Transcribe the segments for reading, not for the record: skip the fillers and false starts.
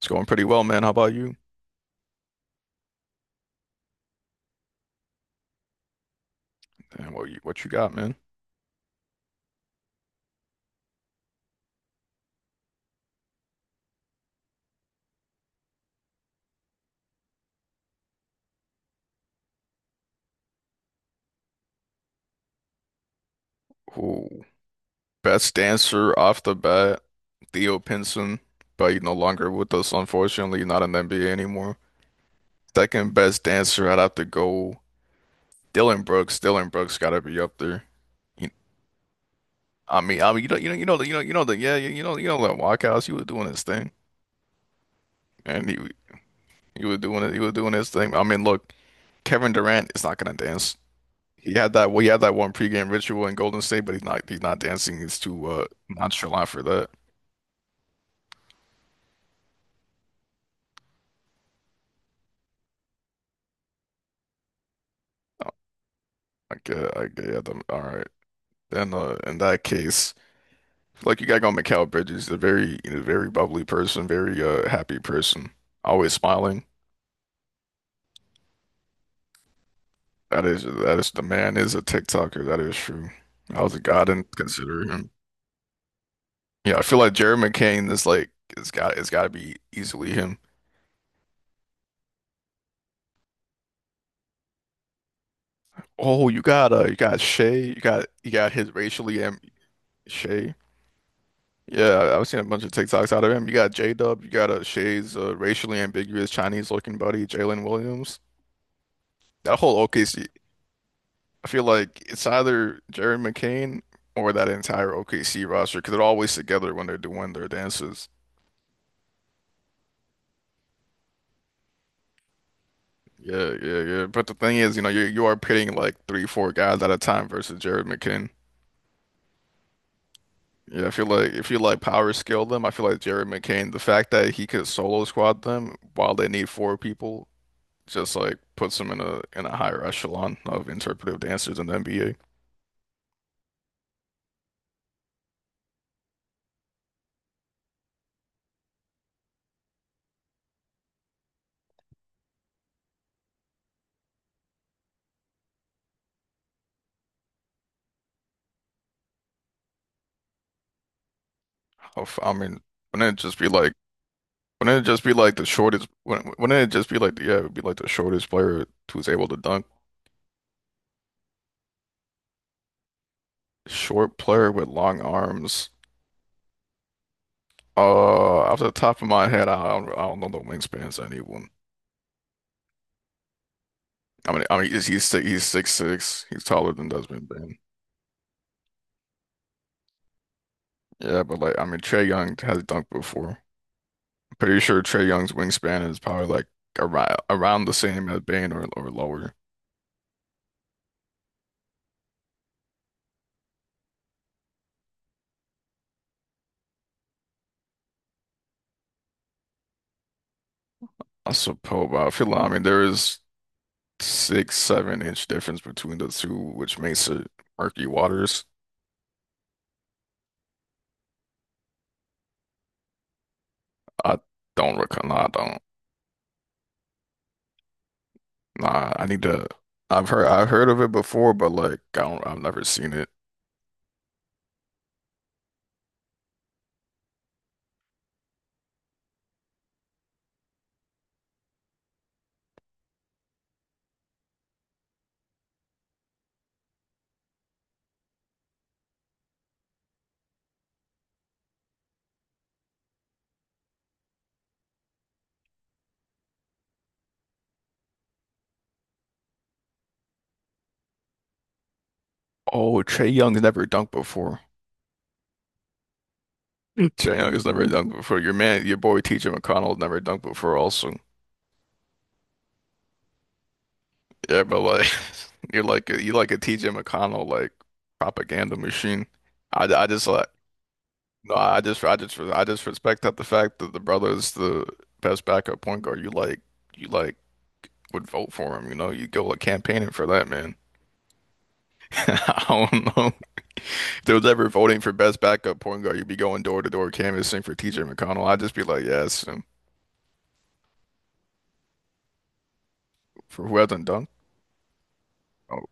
It's going pretty well, man. How about you? And what you got, man? Ooh. Best dancer off the bat, Theo Pinson, but he's no longer with us, unfortunately, not in the NBA anymore. Second best dancer, I'd have to go Dylan Brooks. Dylan Brooks gotta be up there. You- I mean, the yeah, you know the walkouts. He was doing his thing, and he was doing it. He was doing his thing. I mean, look, Kevin Durant is not gonna dance. He had that Well, he had that one pregame ritual in Golden State, but he's not dancing. He's too nonchalant for that. Uh, I get them. All right. Then in that case, like you gotta go Mikal Bridges, a very bubbly person, very happy person, always smiling. That is the man is a TikToker, that is true. I was a god in considering him. Yeah, I feel like Jerry McCain is like it's gotta be easily him. Oh, you got Shay, you got his racially am Shay. Yeah, I've seen a bunch of TikToks out of him. You got J-Dub, you got a Shay's racially ambiguous Chinese-looking buddy, Jalen Williams. That whole OKC, I feel like it's either Jerry McCain or that entire OKC roster because they're always together when they're doing their dances. Yeah, yeah, yeah. But the thing is, you are pitting like three, four guys at a time versus Jared McCain. Yeah, I feel like if you like power scale them, I feel like Jared McCain, the fact that he could solo squad them while they need four people just like puts him in a higher echelon of interpretive dancers in the NBA. I mean, wouldn't it just be like wouldn't it just be like the shortest? Wouldn't it just be like yeah, it would be like the shortest player who's able to dunk, short player with long arms. Off the top of my head, I don't know the wingspans of anyone. I mean, he's six six. He's taller than Desmond Bane. Yeah, but like, I mean, Trey Young has dunked before. Pretty sure Trey Young's wingspan is probably like around the same as Bane or lower. I suppose, I feel like, I mean there is six, seven inch difference between the two, which makes it murky waters. I don't recall. Nah, I don't. Nah, I need to. I've heard of it before, but like I don't. I've never seen it. Oh, Trae Young's never dunked before. Trae Young has never dunked before. Your man, your boy T.J. McConnell's never dunked before. Also. Yeah, but like you're like a TJ McConnell like propaganda machine. I just like no, I just respect that the fact that the brother is the best backup point guard. You like would vote for him. You go like campaigning for that man. I don't know. If there was ever voting for best backup point guard, you'd be going door to door canvassing for TJ McConnell. I'd just be like, yes, and for who hasn't done? Oh,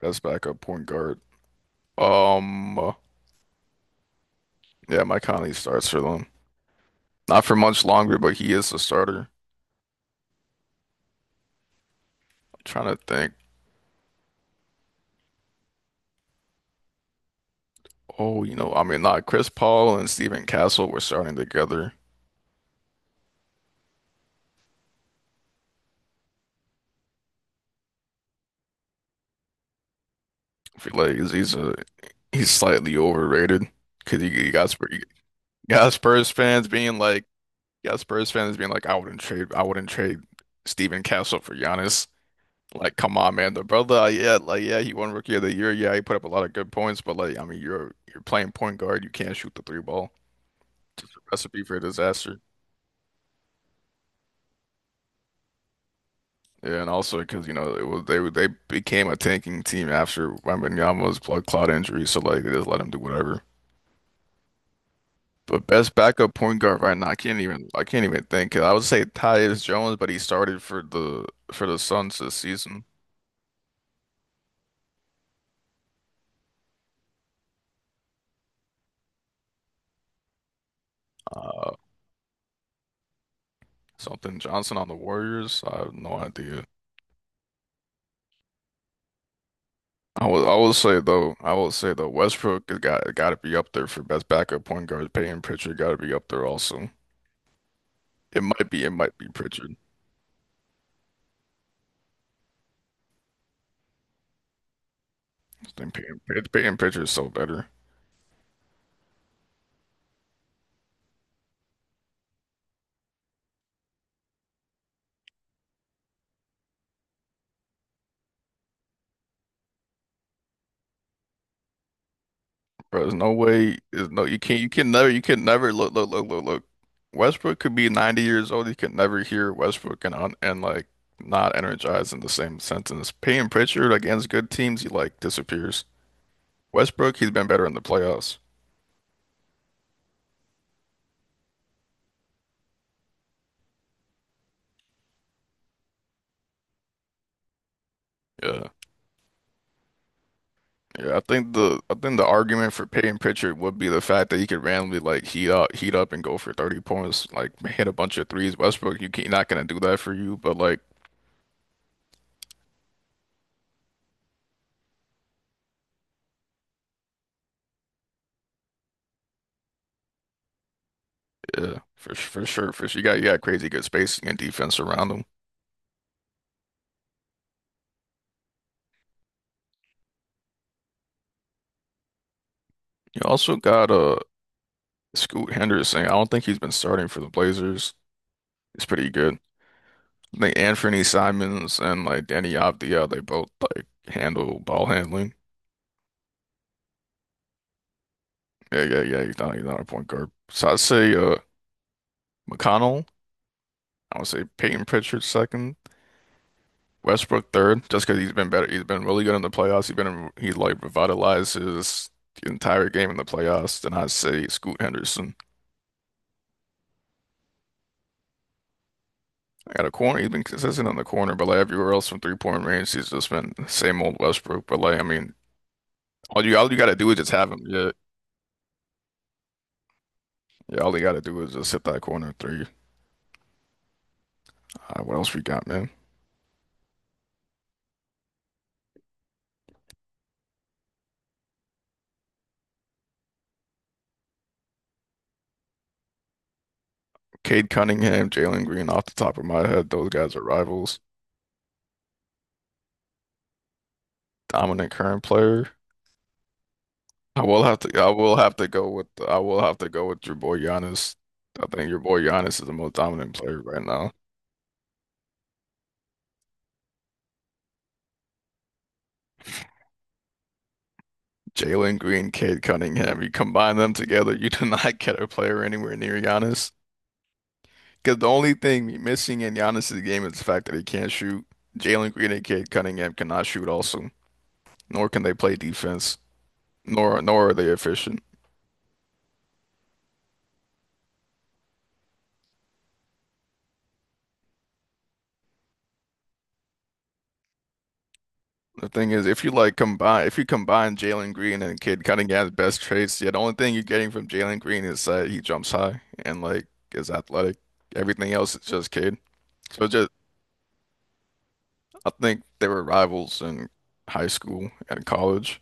best backup point guard. Um, yeah, Mike Conley starts for them. Not for much longer, but he is the starter. I'm trying to think. Oh, I mean, not Chris Paul and Stephen Castle were starting together. I feel like he's, a he's slightly overrated because you got Spurs, got Spurs fans being like, you got Spurs fans being like, I wouldn't trade Stephen Castle for Giannis. Like, come on, man, the brother, yeah, like, yeah, he won Rookie of the Year, yeah, he put up a lot of good points, but like, I mean, you're playing point guard, you can't shoot the three ball. Just a recipe for disaster. Yeah, and also because you know it was they were- they became a tanking team after Wembanyama's blood clot injury, so like they just let him do whatever. But best backup point guard right now, I can't even think. 'Cause I would say Tyus Jones, but he started for the Suns this season. Uh, something Johnson on the Warriors. I have no idea. I will say though Westbrook has got to be up there for best backup point guard. Peyton Pritchard got to be up there also. It might be Pritchard. I think Peyton Pritchard's so better. Bro, there's no way. There's no you can't. You can never look. Look. Look. Look. Look. Westbrook could be 90 years old. You can never hear Westbrook and like not energized in the same sentence. Payne Pritchard against good teams, he like disappears. Westbrook, he's been better in the playoffs. Yeah. Yeah. I think the argument for Payne Pritchard would be the fact that he could randomly like heat up and go for 30 points, like hit a bunch of threes. Westbrook, not gonna do that for you, but like yeah, for sure, you got crazy good spacing and defense around him. You also got Scoot Henderson. I don't think he's been starting for the Blazers. He's pretty good. I think Anfernee Simons and like Danny Avdia, they both like handle ball handling. Yeah, yeah, yeah. He's not a point guard. So I'd say McConnell. I would say Peyton Pritchard second, Westbrook third, just because he's been better. He's been really good in the playoffs. He like revitalized his entire game in the playoffs. Then I'd say Scoot Henderson. I got a corner. He's been consistent on the corner, but like everywhere else from three-point range, he's just been the same old Westbrook. But like, I mean, all you gotta do is just have him. Yeah, yeah. All you gotta do is just hit that corner three. What else we got, man? Cade Cunningham, Jalen Green. Off the top of my head, those guys are rivals. Dominant current player. I will have to. I will have to go with. I will have to go with your boy Giannis. I think your boy Giannis is the most dominant player right now. Jalen Green, Cade Cunningham. You combine them together, you do not get a player anywhere near Giannis. Because the only thing missing in Giannis's game is the fact that he can't shoot. Jalen Green and Cade Cunningham cannot shoot also, nor can they play defense, nor are they efficient. The thing is, if you combine Jalen Green and Cade Cunningham's best traits, yeah, the only thing you're getting from Jalen Green is that he jumps high and like is athletic. Everything else is just Cade. So just, I think they were rivals in high school and college.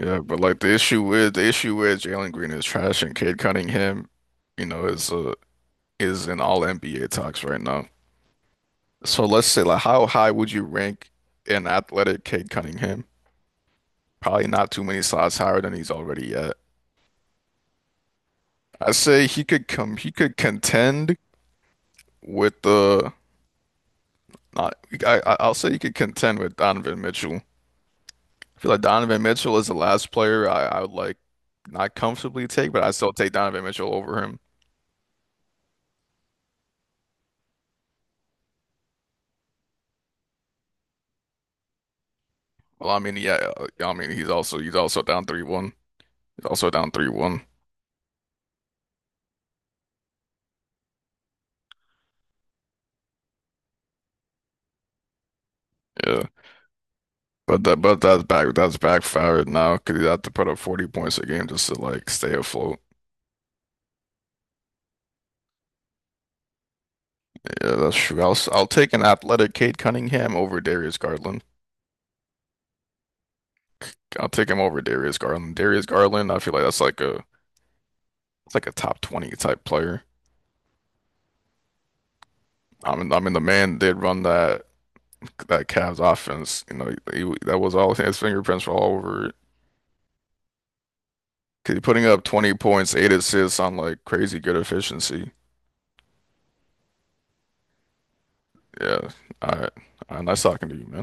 Yeah, but like the issue with Jalen Green is trash and Cade Cunningham, you know, is uh is in all NBA talks right now. So let's say like how high would you rank an athletic Cade Cunningham? Probably not too many slots higher than he's already at. I say he could contend with the not I I- I'll say he could contend with Donovan Mitchell. I feel like Donovan Mitchell is the last player I would like not comfortably take, but I still take Donovan Mitchell over him. Well, I mean, yeah, yeah, I mean, he's also down 3-1. He's also down 3-1. Yeah, but that but that's back that's backfired now because he'd have to put up 40 points a game just to like stay afloat. Yeah, that's true. I'll take an athletic Cade Cunningham over Darius Garland. I'll take him over Darius Garland. Darius Garland, I feel like that's like a it's like a top 20 type player. I mean, the man did run that Cavs offense. That was all his fingerprints were all over it. 'Cause he's putting up 20 points, eight assists on like crazy good efficiency. Yeah. All right. All right. Nice talking to you, man.